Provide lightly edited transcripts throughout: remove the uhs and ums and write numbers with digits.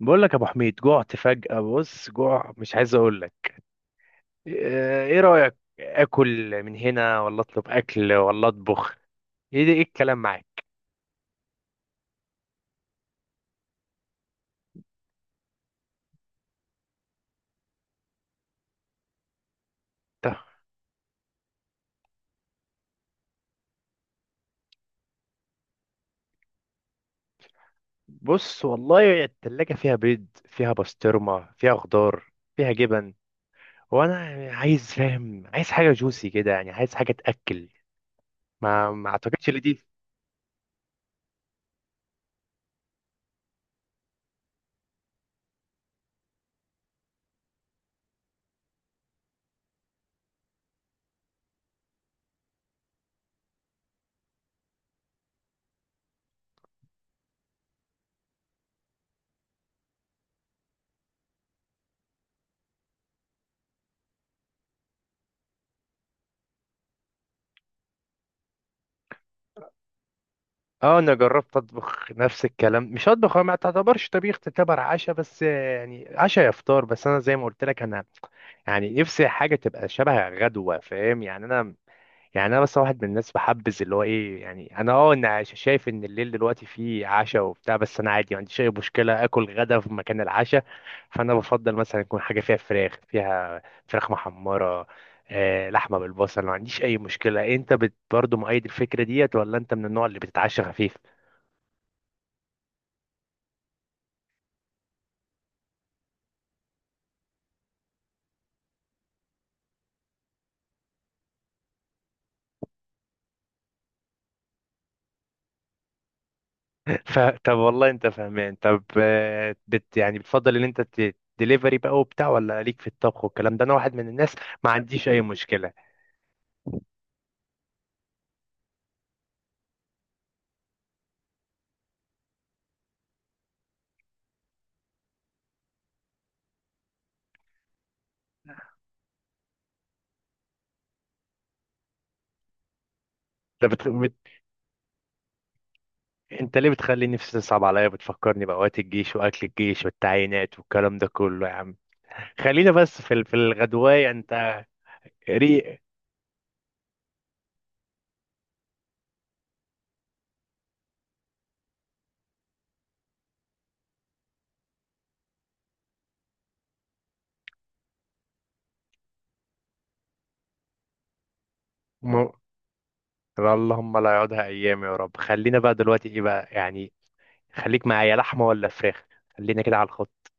بقول لك يا ابو حميد، جوعت فجأة. بص، جوع مش عايز اقول لك. ايه رأيك؟ اكل من هنا، ولا اطلب اكل، ولا اطبخ؟ ايه ده؟ ايه الكلام معاك؟ طب بص، والله التلاجة فيها بيض، فيها بسطرمة، فيها خضار، فيها جبن. وانا عايز، فاهم، عايز حاجة جوسي كده، يعني عايز حاجة تأكل. ما اعتقدش ان دي. اه انا جربت اطبخ نفس الكلام، مش اطبخ، هو ما تعتبرش طبيخ، تعتبر عشاء، بس يعني عشاء يا فطار. بس انا زي ما قلت لك، انا يعني نفسي حاجة تبقى شبه غدوة، فاهم يعني أنا، يعني أنا بس واحد من الناس بحبذ اللي هو إيه، يعني أنا أه أنا شايف إن الليل دلوقتي فيه عشاء وبتاع، بس أنا عادي ما عنديش أي مشكلة آكل غدا في مكان العشاء. فأنا بفضل مثلا يكون حاجة فيها فراخ، فيها فراخ محمرة، آه لحمة بالبصل، ما عنديش أي مشكلة. أنت بت برضه مؤيد الفكرة ديت، ولا أنت من النوع اللي بتتعشى خفيف؟ طب والله انت فاهمان. طب، بت يعني بتفضل ان انت دليفري بقى وبتاع، ولا ليك في الطبخ والكلام ده؟ انا واحد من الناس ما عنديش اي مشكله. انت بت... بت... انت ليه بتخلي نفسي تصعب عليا؟ بتفكرني باوقات الجيش واكل الجيش والتعيينات والكلام ده كله. يا عم خلينا بس في في الغدوايه. انت ريق. م... اللهم لا يعودها ايام يا رب. خلينا بقى دلوقتي ايه بقى يعني، خليك معايا لحمه ولا فراخ، خلينا كده على الخط.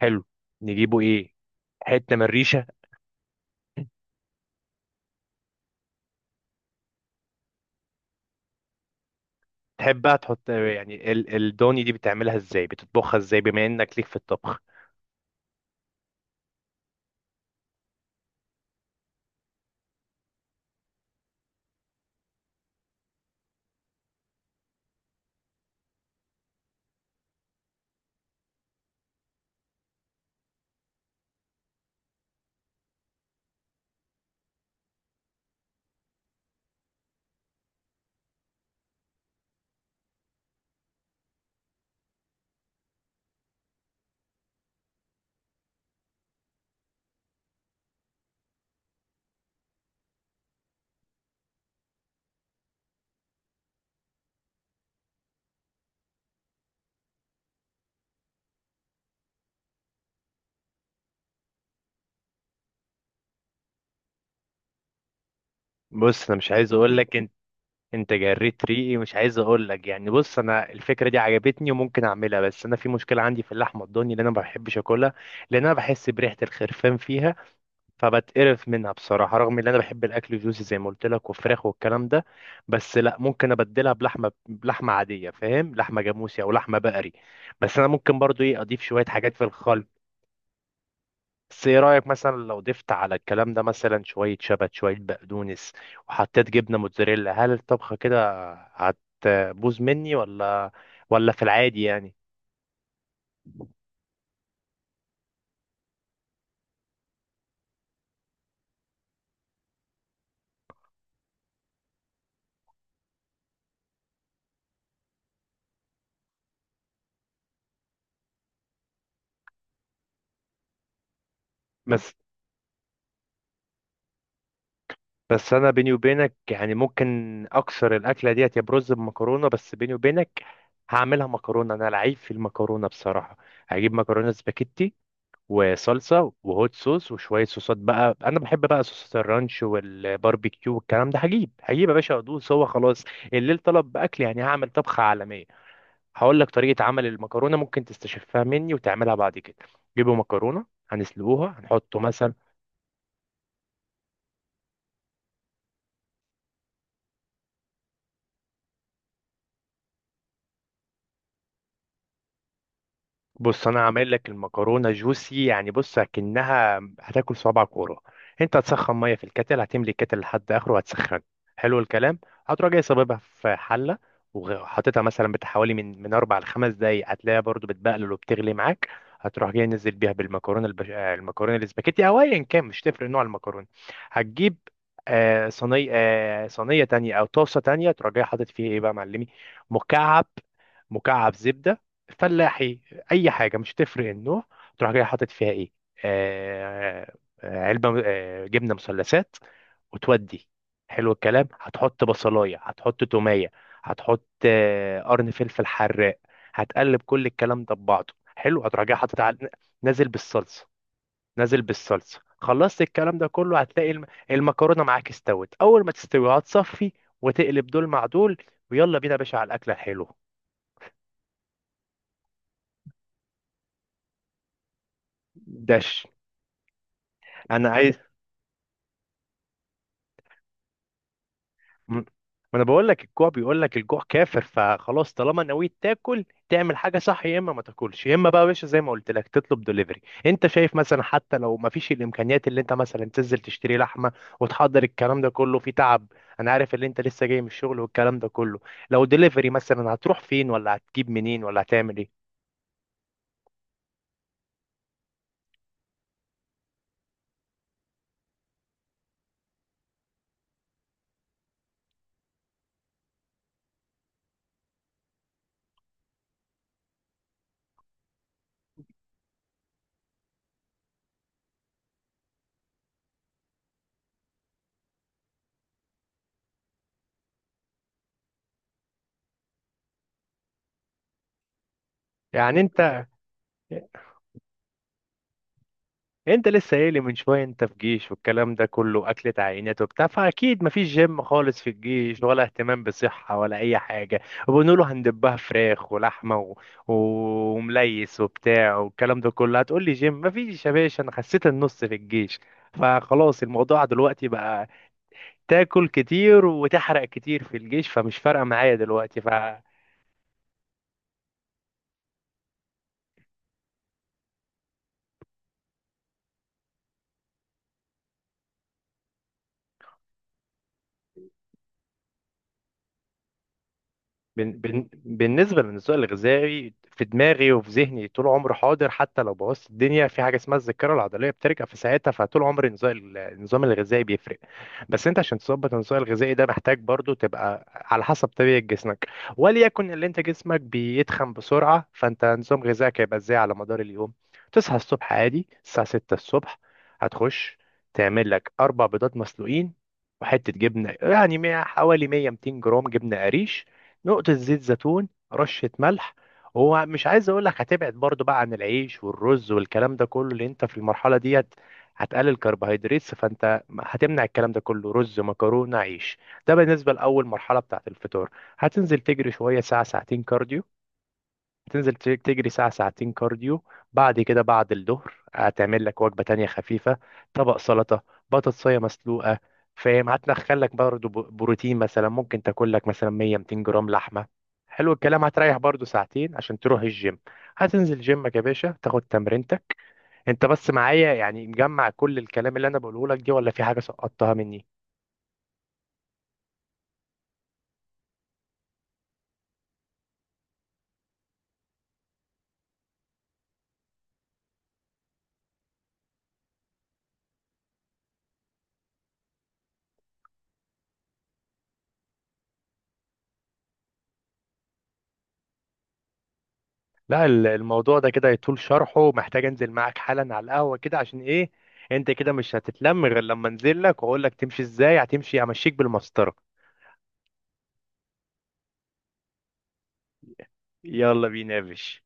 حلو. نجيبه ايه؟ حته من الريشه؟ تحب بقى تحط يعني الدوني دي؟ بتعملها ازاي، بتطبخها ازاي، بما انك ليك في الطبخ؟ بص انا مش عايز اقول لك انت، انت جريت ريقي. مش عايز اقول لك، يعني بص، انا الفكره دي عجبتني وممكن اعملها، بس انا في مشكله عندي في اللحمه الضاني اللي انا ما بحبش اكلها، لان انا بحس بريحه الخرفان فيها، فبتقرف منها بصراحه. رغم ان انا بحب الاكل جوسي زي ما قلت لك، وفراخ والكلام ده. بس لا، ممكن ابدلها بلحمه، بلحمه عاديه، فاهم؟ لحمه جاموسي او لحمه بقري. بس انا ممكن برضو ايه اضيف شويه حاجات في الخلط. بس ايه رأيك مثلا لو ضفت على الكلام ده مثلا شوية شبت، شوية بقدونس، وحطيت جبنة موتزاريلا؟ هل الطبخة كده هتبوظ مني ولا، ولا في العادي يعني؟ بس بس انا بيني وبينك يعني ممكن اكسر الاكلة ديت يا برز بمكرونة. بس بيني وبينك هعملها مكرونة، انا لعيب في المكرونة بصراحة. هجيب مكرونة سباكيتي وصلصه وهوت صوص وشويه صوصات بقى. انا بحب بقى صوصات الرانش والباربيكيو والكلام ده. هجيب هجيب يا باشا ادوس، هو خلاص الليل طلب باكل يعني، هعمل طبخه عالميه. هقول لك طريقه عمل المكرونه، ممكن تستشفها مني وتعملها بعد كده. جيبوا مكرونه، هنسلقوها، هنحط مثلا. بص انا عامل لك المكرونه جوسي يعني، بص اكنها هتاكل صوابعك ورا. انت هتسخن ميه في الكتل، هتملي الكتل لحد اخره وهتسخن. حلو الكلام. هتروح جاي صاببها في حله، وحاططها مثلا بتاع حوالي من اربع لخمس دقايق، هتلاقيها برضو بتبقلل وبتغلي معاك. هتروح جاي نزل بيها بالمكرونه البش... آه، المكرونه الاسباجيتي او ايا كان، مش تفرق نوع المكرونه. هتجيب صينيه، صينيه تانية او طاسه تانية، تروح جاي حاطط فيها ايه بقى يا معلمي؟ مكعب، مكعب زبده فلاحي، اي حاجه مش هتفرق النوع. تروح جاي حاطط فيها ايه؟ آه علبه جبنه مثلثات وتودي. حلو الكلام. هتحط بصلايه، هتحط توميه، هتحط قرن فلفل حراق. هتقلب كل الكلام ده ببعضه. حلو. هتروح جاي نازل بالصلصه، نازل بالصلصه. خلصت الكلام ده كله، هتلاقي المكرونه معاك استوت. اول ما تستوي هتصفي وتقلب دول مع دول، ويلا بينا يا باشا على الاكله الحلوه. دش. انا عايز. ما انا بقول لك، الجوع بيقول لك، الجوع كافر. فخلاص طالما نويت تاكل، تعمل حاجه صح، يا اما ما تاكلش، يا اما بقى يا باشا زي ما قلت لك تطلب دليفري. انت شايف مثلا، حتى لو ما فيش الامكانيات اللي انت مثلا تنزل تشتري لحمه وتحضر الكلام ده كله في تعب، انا عارف ان انت لسه جاي من الشغل والكلام ده كله، لو دليفري مثلا هتروح فين، ولا هتجيب منين، ولا هتعمل ايه؟ يعني انت، انت لسه قايل لي من شويه انت في جيش والكلام ده كله، اكلة عينات وبتاع، فاكيد مفيش جيم خالص في الجيش ولا اهتمام بصحه ولا اي حاجه. وبنقوله هندبها فراخ ولحمه ومليس وبتاع والكلام ده كله، هتقول لي جيم مفيش. يا باشا انا خسيت النص في الجيش، فخلاص الموضوع دلوقتي بقى. تاكل كتير وتحرق كتير في الجيش، فمش فارقه معايا دلوقتي. بالنسبة للنسوء الغذائي في دماغي وفي ذهني طول عمري حاضر، حتى لو بوظت الدنيا في حاجة اسمها الذاكرة العضلية بترجع في ساعتها. فطول عمري النظام، الغذائي بيفرق. بس انت عشان تظبط النظام الغذائي ده، محتاج برضو تبقى على حسب طبيعة جسمك. وليكن اللي انت جسمك بيتخن بسرعة، فانت نظام غذائك هيبقى ازاي على مدار اليوم؟ تصحى الصبح عادي الساعة 6 الصبح، هتخش تعمل لك أربع بيضات مسلوقين، وحتة جبنة يعني حوالي 100 200 جرام جبنة قريش، نقطة زيت زيتون، رشة ملح. هو مش عايز اقول لك، هتبعد برضو بقى عن العيش والرز والكلام ده كله. اللي انت في المرحلة ديت هتقلل كربوهيدرات، فانت هتمنع الكلام ده كله، رز مكرونة عيش. ده بالنسبة لأول مرحلة بتاعت الفطار. هتنزل تجري شوية، ساعة ساعتين كارديو، تنزل تجري ساعة ساعتين كارديو. بعد كده بعد الظهر هتعمل لك وجبة تانية خفيفة، طبق سلطة، بطاطساية مسلوقة، فاهم. هتدخل لك برضه بروتين مثلا، ممكن تاكل لك مثلا 100 200 جرام لحمة. حلو الكلام. هتريح برضه ساعتين عشان تروح الجيم، هتنزل جيمك يا باشا تاخد تمرينتك. انت بس معايا يعني؟ مجمع كل الكلام اللي انا بقوله لك دي، ولا في حاجة سقطتها مني؟ لا، الموضوع ده كده يطول شرحه، محتاج انزل معاك حالا على القهوة كده. عشان ايه؟ انت كده مش هتتلم غير لما انزل لك واقول لك تمشي ازاي، هتمشي همشيك بالمسطرة. يلا بينا يا باشا.